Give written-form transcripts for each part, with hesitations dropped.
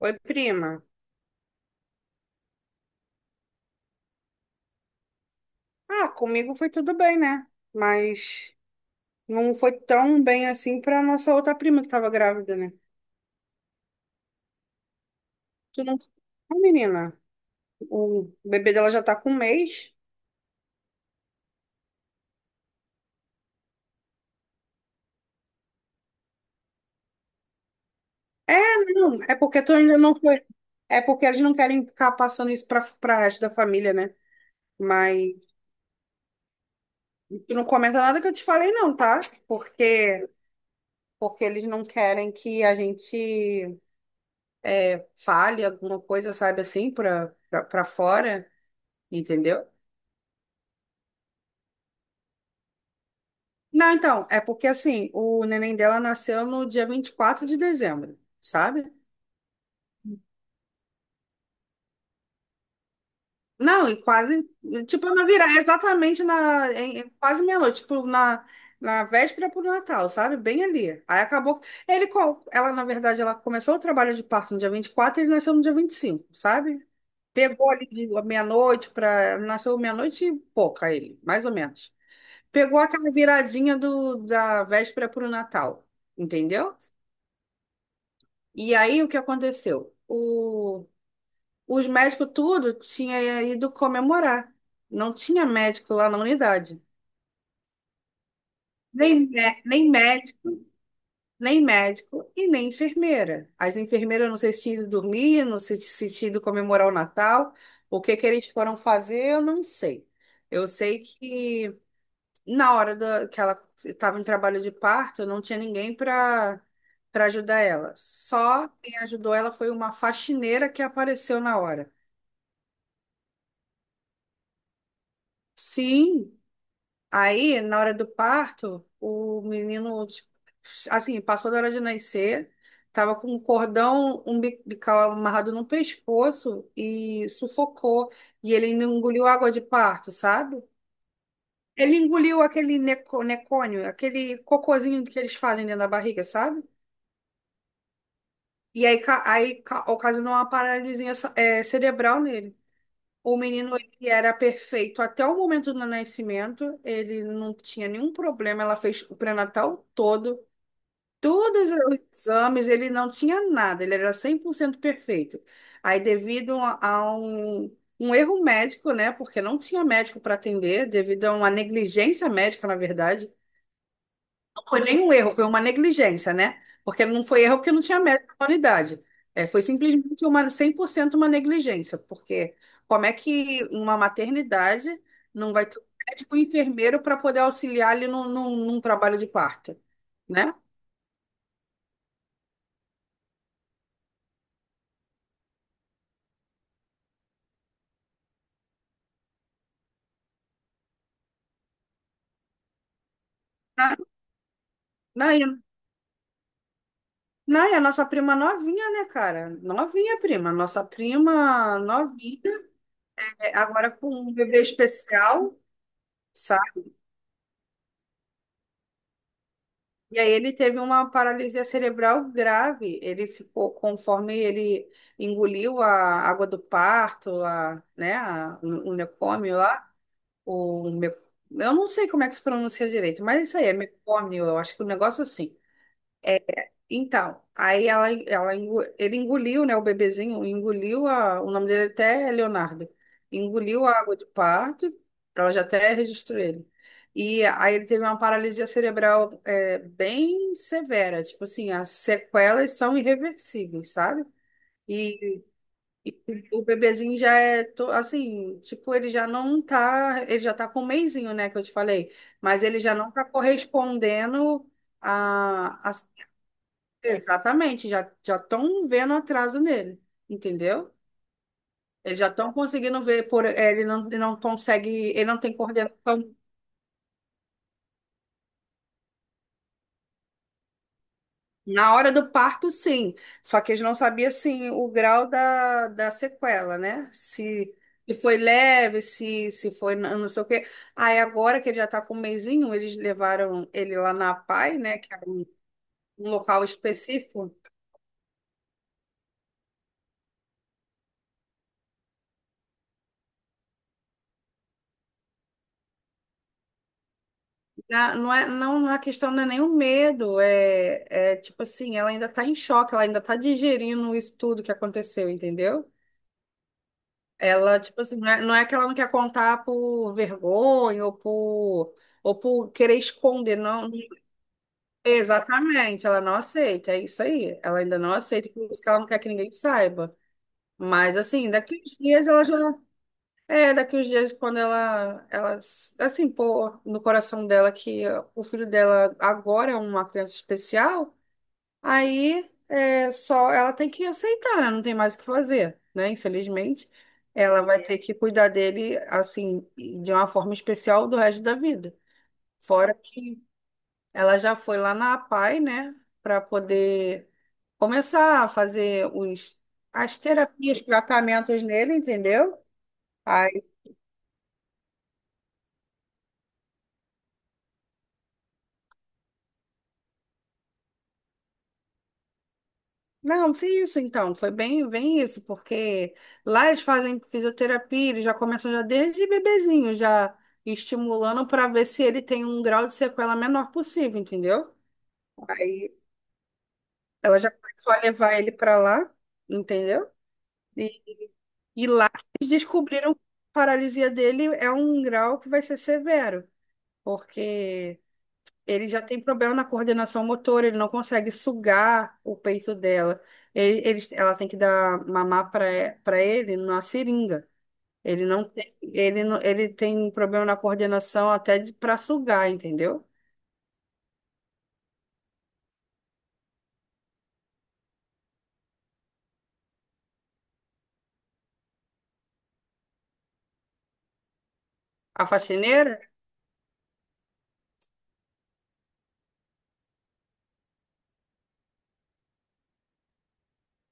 Oi, prima. Ah, comigo foi tudo bem, né? Mas não foi tão bem assim pra nossa outra prima que tava grávida, né? Tu não... Ah, menina, o bebê dela já tá com um mês. Não, é porque tu ainda não foi. É porque eles não querem ficar passando isso pra resto da família, né? Mas tu não comenta nada que eu te falei, não, tá? Porque, porque eles não querem que a gente fale alguma coisa, sabe assim, pra fora, entendeu? Não, então, é porque assim, o neném dela nasceu no dia 24 de dezembro, sabe? Não, e quase, tipo, na virada, exatamente na, quase meia-noite, tipo, na véspera pro Natal, sabe? Bem ali. Aí acabou, ela, na verdade, ela começou o trabalho de parto no dia 24, e ele nasceu no dia 25, sabe? Pegou ali de meia-noite pra, nasceu meia-noite e pouca ele, mais ou menos. Pegou aquela viradinha do, da véspera pro Natal, entendeu? E aí o que aconteceu? Os médicos tudo tinha ido comemorar. Não tinha médico lá na unidade. Nem, mé- nem médico, nem médico e nem enfermeira. As enfermeiras não sei se tinham ido dormir, não sei se tinham ido comemorar o Natal. O que que eles foram fazer, eu não sei. Eu sei que na hora da, que ela estava em trabalho de parto, não tinha ninguém para ajudar ela. Só quem ajudou ela foi uma faxineira que apareceu na hora. Sim, aí na hora do parto, o menino, tipo, assim, passou da hora de nascer, tava com um cordão umbilical amarrado no pescoço e sufocou. E ele ainda engoliu água de parto, sabe? Ele engoliu aquele necônio, aquele cocôzinho que eles fazem dentro da barriga, sabe? E aí ocasionou uma paralisia cerebral nele. O menino ele era perfeito até o momento do nascimento, ele não tinha nenhum problema, ela fez o pré-natal todo, todos os exames, ele não tinha nada, ele era 100% perfeito. Aí, devido a um erro médico, né, porque não tinha médico para atender, devido a uma negligência médica, na verdade, foi nenhum erro, foi uma negligência, né? Porque não foi erro porque não tinha mérito da humanidade. É, foi simplesmente uma 100% uma negligência, porque como é que uma maternidade não vai ter um médico e um enfermeiro para poder auxiliar ali num trabalho de parto, né? Na, na, e a nossa prima novinha, né, cara? Novinha, prima. Nossa prima novinha, agora com um bebê especial. E aí ele teve uma paralisia cerebral grave. Ele ficou, conforme ele engoliu a água do parto, lá, né, a- o lá, o me- eu não sei como é que se pronuncia direito, mas isso aí é mecônio, eu acho que o negócio é assim. Então, aí ele engoliu, né, o bebezinho, engoliu a, o nome dele até é Leonardo, engoliu a água de parto, ela já até registrou ele. E aí ele teve uma paralisia cerebral bem severa, tipo assim, as sequelas são irreversíveis, sabe? E, e o bebezinho já assim, tipo, ele já não tá, ele já tá com um mesinho, né, que eu te falei, mas ele já não tá correspondendo à. Exatamente, já já estão vendo atraso nele, entendeu? Eles já estão conseguindo ver por ele não, consegue, ele não tem coordenação. Na hora do parto, sim. Só que eles não sabiam assim o grau da sequela, né? Se foi leve, se foi não sei o quê. Aí agora que ele já está com um mesinho, eles levaram ele lá na PAI, né? Que é um local específico. Ah, não é, não, a questão não é nem o medo, é tipo assim, ela ainda tá em choque, ela ainda tá digerindo isso tudo que aconteceu, entendeu? Ela, tipo assim, não é que ela não quer contar por vergonha ou por querer esconder, não. Exatamente, ela não aceita, é isso aí. Ela ainda não aceita, por isso que ela não quer que ninguém saiba. Mas assim, daqui uns dias ela já. É, daqui uns dias, quando assim, pô no coração dela que o filho dela agora é uma criança especial, aí é só ela tem que aceitar, né? Não tem mais o que fazer, né? Infelizmente, ela vai ter que cuidar dele, assim, de uma forma especial do resto da vida. Fora que ela já foi lá na APAE, né, para poder começar a fazer os, as terapias, tratamentos nele, entendeu? Não, foi isso então, foi bem, bem isso, porque lá eles fazem fisioterapia, eles já começam já desde bebezinho, já estimulando para ver se ele tem um grau de sequela menor possível, entendeu? Aí ela já começou a levar ele para lá, entendeu? E, e lá eles descobriram que a paralisia dele é um grau que vai ser severo, porque ele já tem problema na coordenação motora, ele não consegue sugar o peito dela. Ela tem que dar mamar para ele numa seringa. Ele não tem, ele, não- ele tem problema na coordenação até para sugar, entendeu? A faxineira?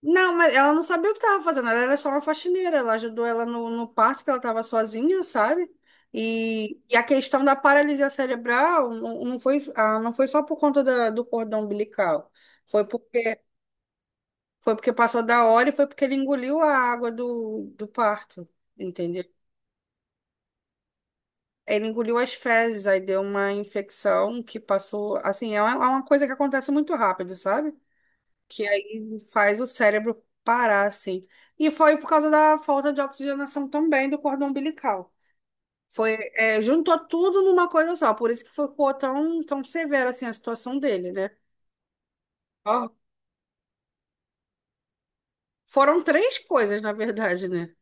Não, mas ela não sabia o que estava fazendo, ela era só uma faxineira. Ela ajudou ela no parto, que ela estava sozinha, sabe? E a questão da paralisia cerebral não foi, ah, não foi só por conta do cordão umbilical. Foi porque Foi porque passou da hora e foi porque ele engoliu a água do parto, entendeu? Ele engoliu as fezes, aí deu uma infecção que passou. Assim, é uma coisa que acontece muito rápido, sabe? Que aí faz o cérebro parar, assim. E foi por causa da falta de oxigenação também do cordão umbilical. Foi, juntou tudo numa coisa só, por isso que ficou tão, tão severa assim a situação dele, né? Ó, foram três coisas, na verdade, né?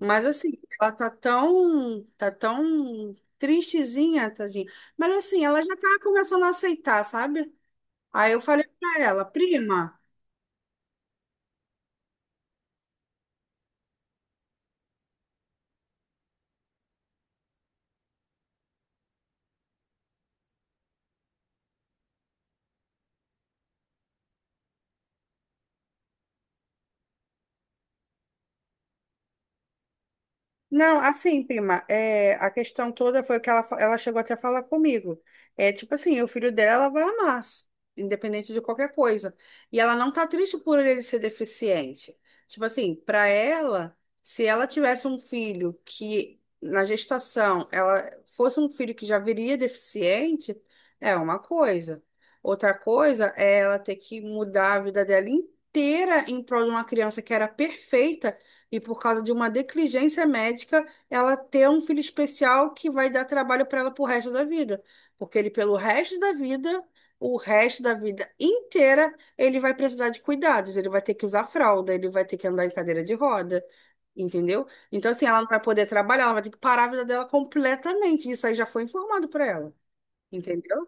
Mas assim, ela tá tão tristezinha, tadinha. Mas assim, ela já tá começando a aceitar, sabe? Aí eu falei pra ela, prima. Não, assim, prima, a questão toda foi que ela chegou até a falar comigo. É tipo assim, o filho dela vai amar, independente de qualquer coisa. E ela não tá triste por ele ser deficiente. Tipo assim, para ela, se ela tivesse um filho que na gestação ela fosse um filho que já viria deficiente, é uma coisa. Outra coisa é ela ter que mudar a vida dela inteira em prol de uma criança que era perfeita e por causa de uma negligência médica, ela ter um filho especial que vai dar trabalho para ela pro resto da vida. Porque ele, pelo resto da vida, o resto da vida inteira, ele vai precisar de cuidados, ele vai ter que usar fralda, ele vai ter que andar em cadeira de roda, entendeu? Então, assim, ela não vai poder trabalhar, ela vai ter que parar a vida dela completamente. Isso aí já foi informado para ela, entendeu?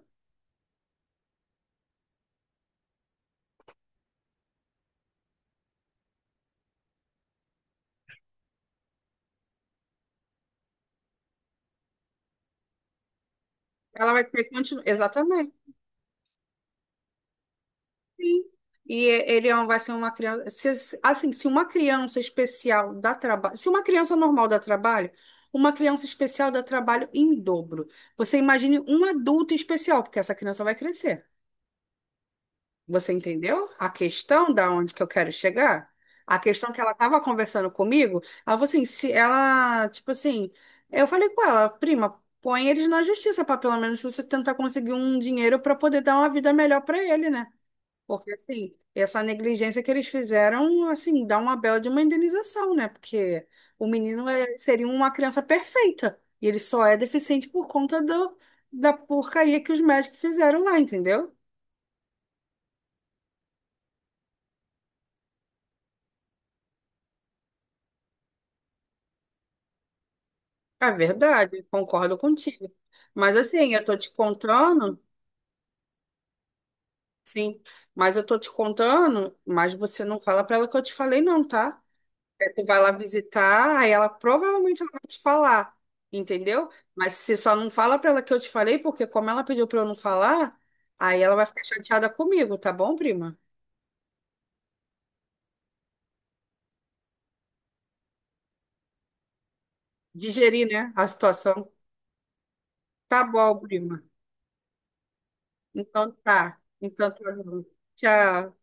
Ela vai ter que continuar. Exatamente. Sim. E ele vai ser uma criança. Assim, se uma criança especial dá trabalho. Se uma criança normal dá trabalho, uma criança especial dá trabalho em dobro. Você imagine um adulto especial, porque essa criança vai crescer. Você entendeu a questão da onde que eu quero chegar? A questão que ela estava conversando comigo, ela falou assim, se ela, tipo assim, eu falei com ela, prima, põe eles na justiça para pelo menos você tentar conseguir um dinheiro para poder dar uma vida melhor para ele, né? Porque, assim, essa negligência que eles fizeram, assim, dá uma bela de uma indenização, né? Porque o menino seria uma criança perfeita. E ele só é deficiente por conta do, da porcaria que os médicos fizeram lá, entendeu? É verdade, concordo contigo. Mas, assim, eu tô te contando, sim, mas eu tô te contando, mas você não fala pra ela que eu te falei, não, tá? Aí tu vai lá visitar, aí ela provavelmente ela vai te falar, entendeu? Mas você só não fala pra ela que eu te falei, porque como ela pediu pra eu não falar, aí ela vai ficar chateada comigo, tá bom, prima? Digerir, né, a situação. Tá bom, prima. Então tá. Então tá bom. Tchau.